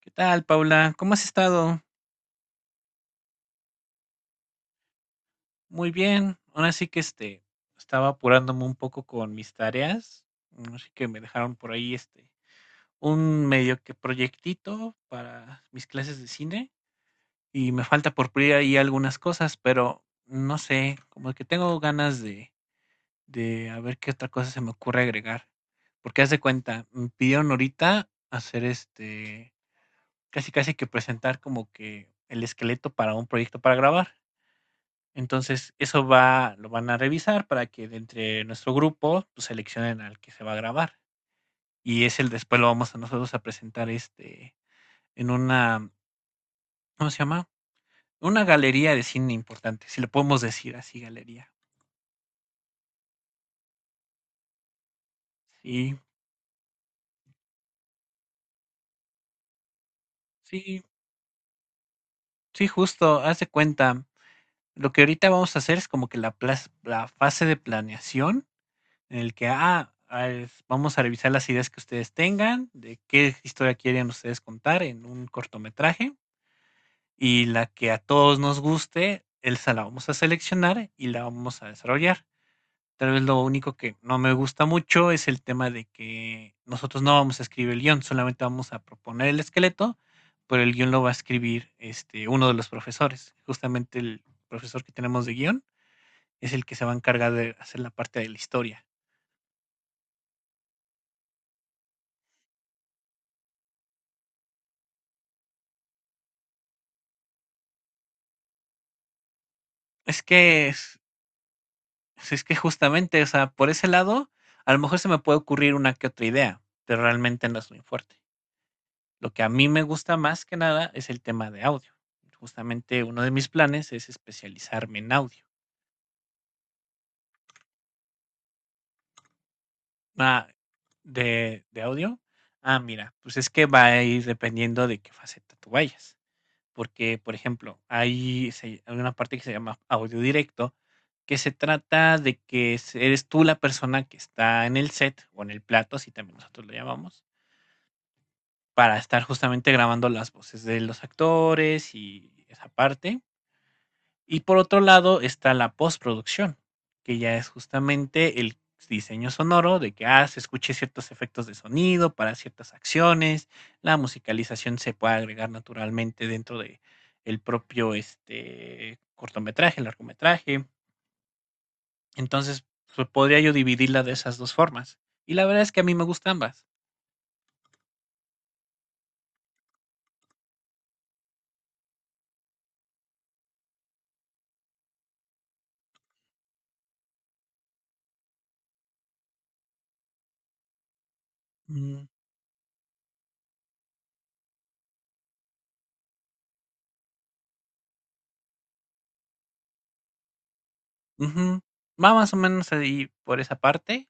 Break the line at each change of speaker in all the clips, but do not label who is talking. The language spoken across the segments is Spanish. ¿Qué tal, Paula? ¿Cómo has estado? Muy bien. Ahora sí que estaba apurándome un poco con mis tareas. Así que me dejaron por ahí un medio que proyectito para mis clases de cine y me falta por pulir ahí algunas cosas, pero no sé, como que tengo ganas de a ver qué otra cosa se me ocurre agregar. Porque haz de cuenta, me pidieron ahorita hacer casi casi que presentar como que el esqueleto para un proyecto para grabar. Entonces, eso va, lo van a revisar para que de entre nuestro grupo, pues, seleccionen al que se va a grabar. Y es el después lo vamos a nosotros a presentar, este, en una, ¿cómo se llama? Una galería de cine importante, si le podemos decir así, galería. Sí, sí, sí, justo, haz de cuenta. Lo que ahorita vamos a hacer es como que la plas la fase de planeación en el que, es vamos a revisar las ideas que ustedes tengan, de qué historia quieren ustedes contar en un cortometraje. Y la que a todos nos guste, esa la vamos a seleccionar y la vamos a desarrollar. Tal vez lo único que no me gusta mucho es el tema de que nosotros no vamos a escribir el guión, solamente vamos a proponer el esqueleto, pero el guión lo va a escribir este, uno de los profesores. Justamente el profesor que tenemos de guión es el que se va a encargar de hacer la parte de la historia. Es que, es, es que justamente, o sea, por ese lado, a lo mejor se me puede ocurrir una que otra idea, pero realmente no es muy fuerte. Lo que a mí me gusta más que nada es el tema de audio. Justamente uno de mis planes es especializarme en audio. Ah, ¿de audio? Ah, mira, pues es que va a ir dependiendo de qué faceta tú vayas. Porque, por ejemplo, hay una parte que se llama audio directo, que se trata de que eres tú la persona que está en el set o en el plato, así también nosotros lo llamamos, para estar justamente grabando las voces de los actores y esa parte. Y por otro lado está la postproducción, que ya es justamente el diseño sonoro de que, se escuche ciertos efectos de sonido para ciertas acciones, la musicalización se puede agregar naturalmente dentro de el propio, este, cortometraje, largometraje. Entonces, pues, podría yo dividirla de esas 2 formas. Y la verdad es que a mí me gustan ambas. Mm, ujú. Va más o menos ahí por esa parte.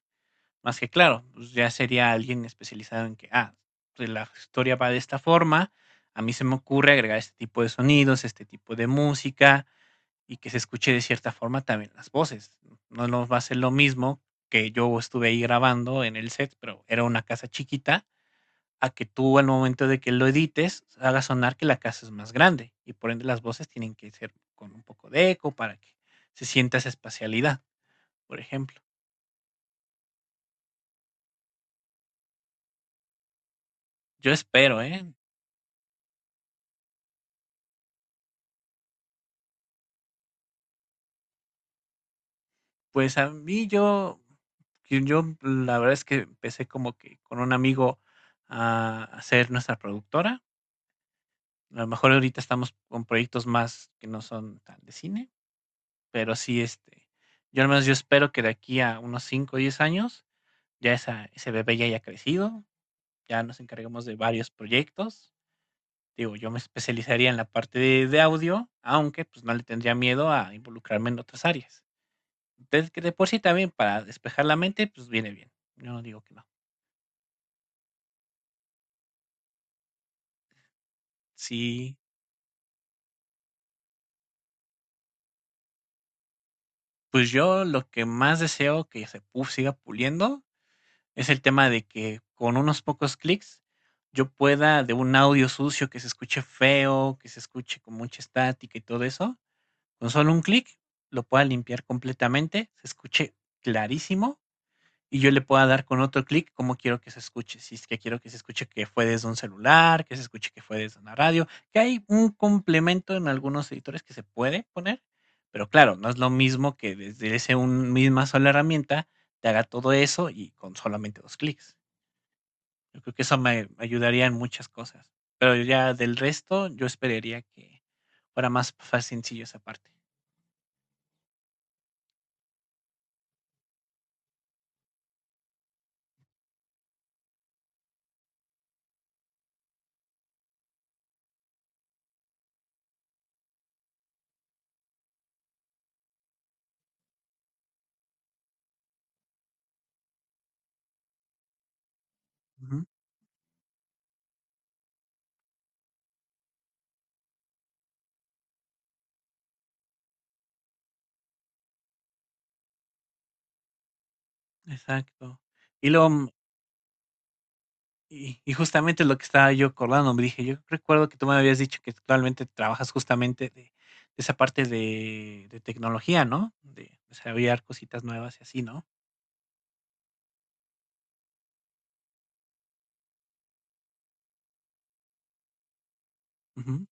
Más que claro, pues ya sería alguien especializado en que, pues la historia va de esta forma, a mí se me ocurre agregar este tipo de sonidos, este tipo de música y que se escuche de cierta forma también las voces. No nos va a ser lo mismo que yo estuve ahí grabando en el set, pero era una casa chiquita, a que tú al momento de que lo edites hagas sonar que la casa es más grande y por ende las voces tienen que ser con un poco de eco para que se sienta esa espacialidad, por ejemplo. Yo espero, ¿eh? Pues a mí yo, la verdad es que empecé como que con un amigo a hacer nuestra productora. A lo mejor ahorita estamos con proyectos más que no son tan de cine, pero sí, este, yo al menos yo espero que de aquí a unos 5 o 10 años ya esa, ese bebé ya haya crecido, ya nos encarguemos de varios proyectos. Digo, yo me especializaría en la parte de audio, aunque pues no le tendría miedo a involucrarme en otras áreas. Entonces, que de por sí también para despejar la mente, pues viene bien. Yo no digo que no. Sí, pues yo lo que más deseo que siga puliendo es el tema de que con unos pocos clics yo pueda de un audio sucio que se escuche feo, que se escuche con mucha estática y todo eso, con solo un clic lo pueda limpiar completamente, se escuche clarísimo y yo le pueda dar con otro clic cómo quiero que se escuche. Si es que quiero que se escuche que fue desde un celular, que se escuche que fue desde una radio, que hay un complemento en algunos editores que se puede poner, pero claro, no es lo mismo que desde misma sola herramienta te haga todo eso y con solamente dos clics. Yo creo que eso me ayudaría en muchas cosas. Pero ya del resto, yo esperaría que fuera más fácil, sencillo esa parte. Ujú, exacto. Y luego y justamente lo que estaba yo acordando, me dije, yo recuerdo que tú me habías dicho que actualmente trabajas justamente de esa parte de tecnología, ¿no? De desarrollar cositas nuevas y así, ¿no? Ujú,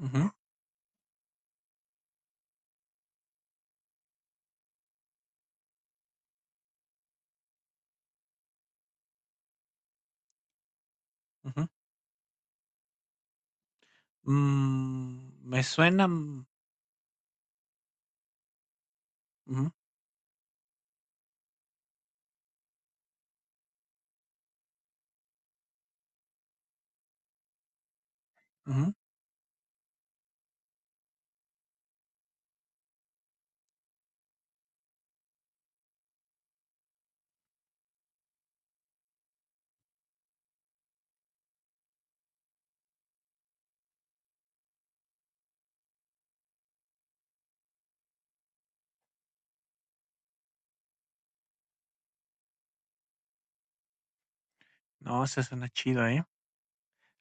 ujú, ujú. Me suena, ujú, ujú. No, eso suena chido, ¿eh?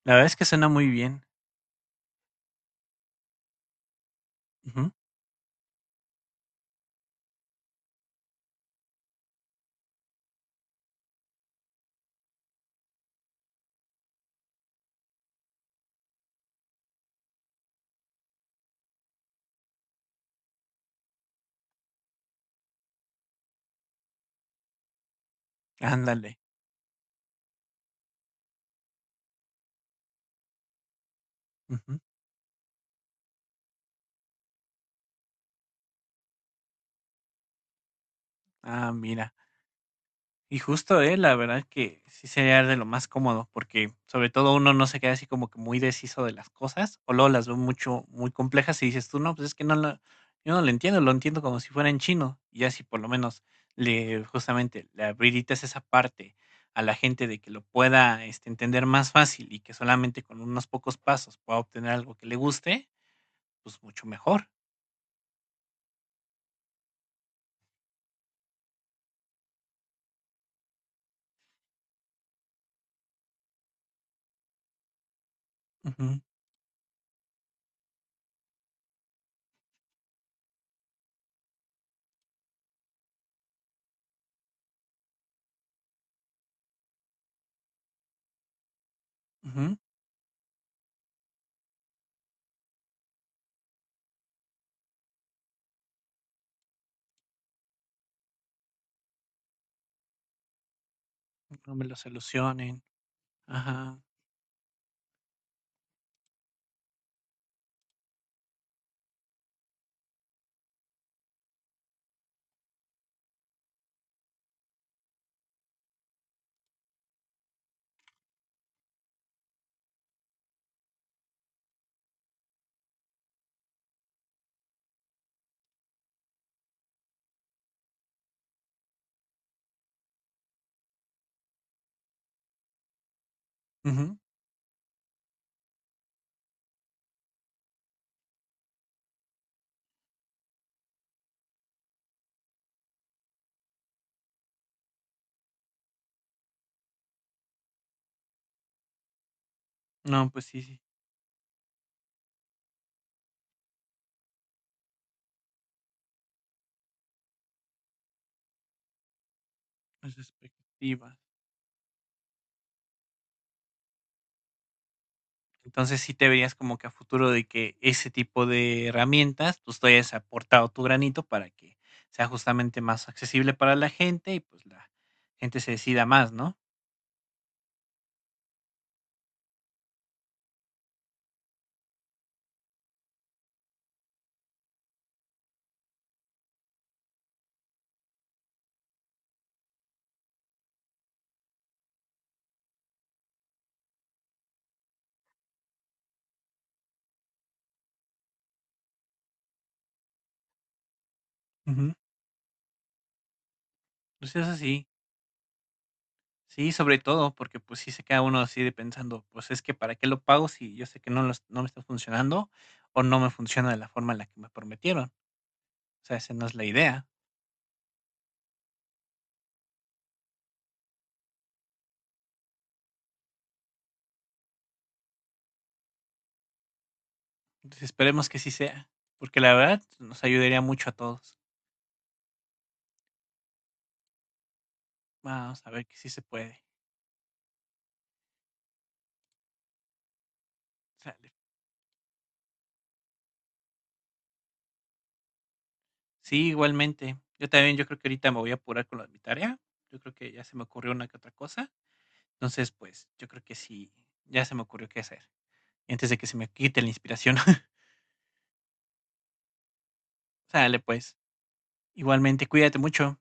La verdad es que suena muy bien. Ujú, ándale. Ujú. Ah, mira. Y justo, ¿eh? La verdad que sí sería de lo más cómodo, porque sobre todo uno no se queda así como que muy deshizo de las cosas, o luego las ve mucho, muy complejas y dices tú, no, pues es que no lo, yo no lo entiendo, lo entiendo como si fuera en chino. Y ya si por lo menos le, justamente, le habilitas esa parte a la gente de que lo pueda este, entender más fácil y que solamente con unos pocos pasos pueda obtener algo que le guste, pues mucho mejor. Ujú, ujú, No me lo solucionen. Ajá. Ujú. No, pues sí, sí. Las expectativas. Entonces sí te verías como que a futuro de que ese tipo de herramientas, pues tú hayas aportado tu granito para que sea justamente más accesible para la gente y pues la gente se decida más, ¿no? Ujú. Pues eso sí, sí, sobre todo, porque pues sí se queda uno así de pensando, pues es que para qué lo pago si yo sé que no, no me está funcionando o no me funciona de la forma en la que me prometieron. O sea, esa no es la idea. Entonces esperemos que sí sea, porque la verdad nos ayudaría mucho a todos. Vamos a ver que sí se puede. Sale. Sí, igualmente. Yo también, yo creo que ahorita me voy a apurar con lo de mi tarea. Yo creo que ya se me ocurrió una que otra cosa. Entonces, pues, yo creo que sí, ya se me ocurrió qué hacer. Antes de que se me quite la inspiración. Sale, pues. Igualmente, cuídate mucho.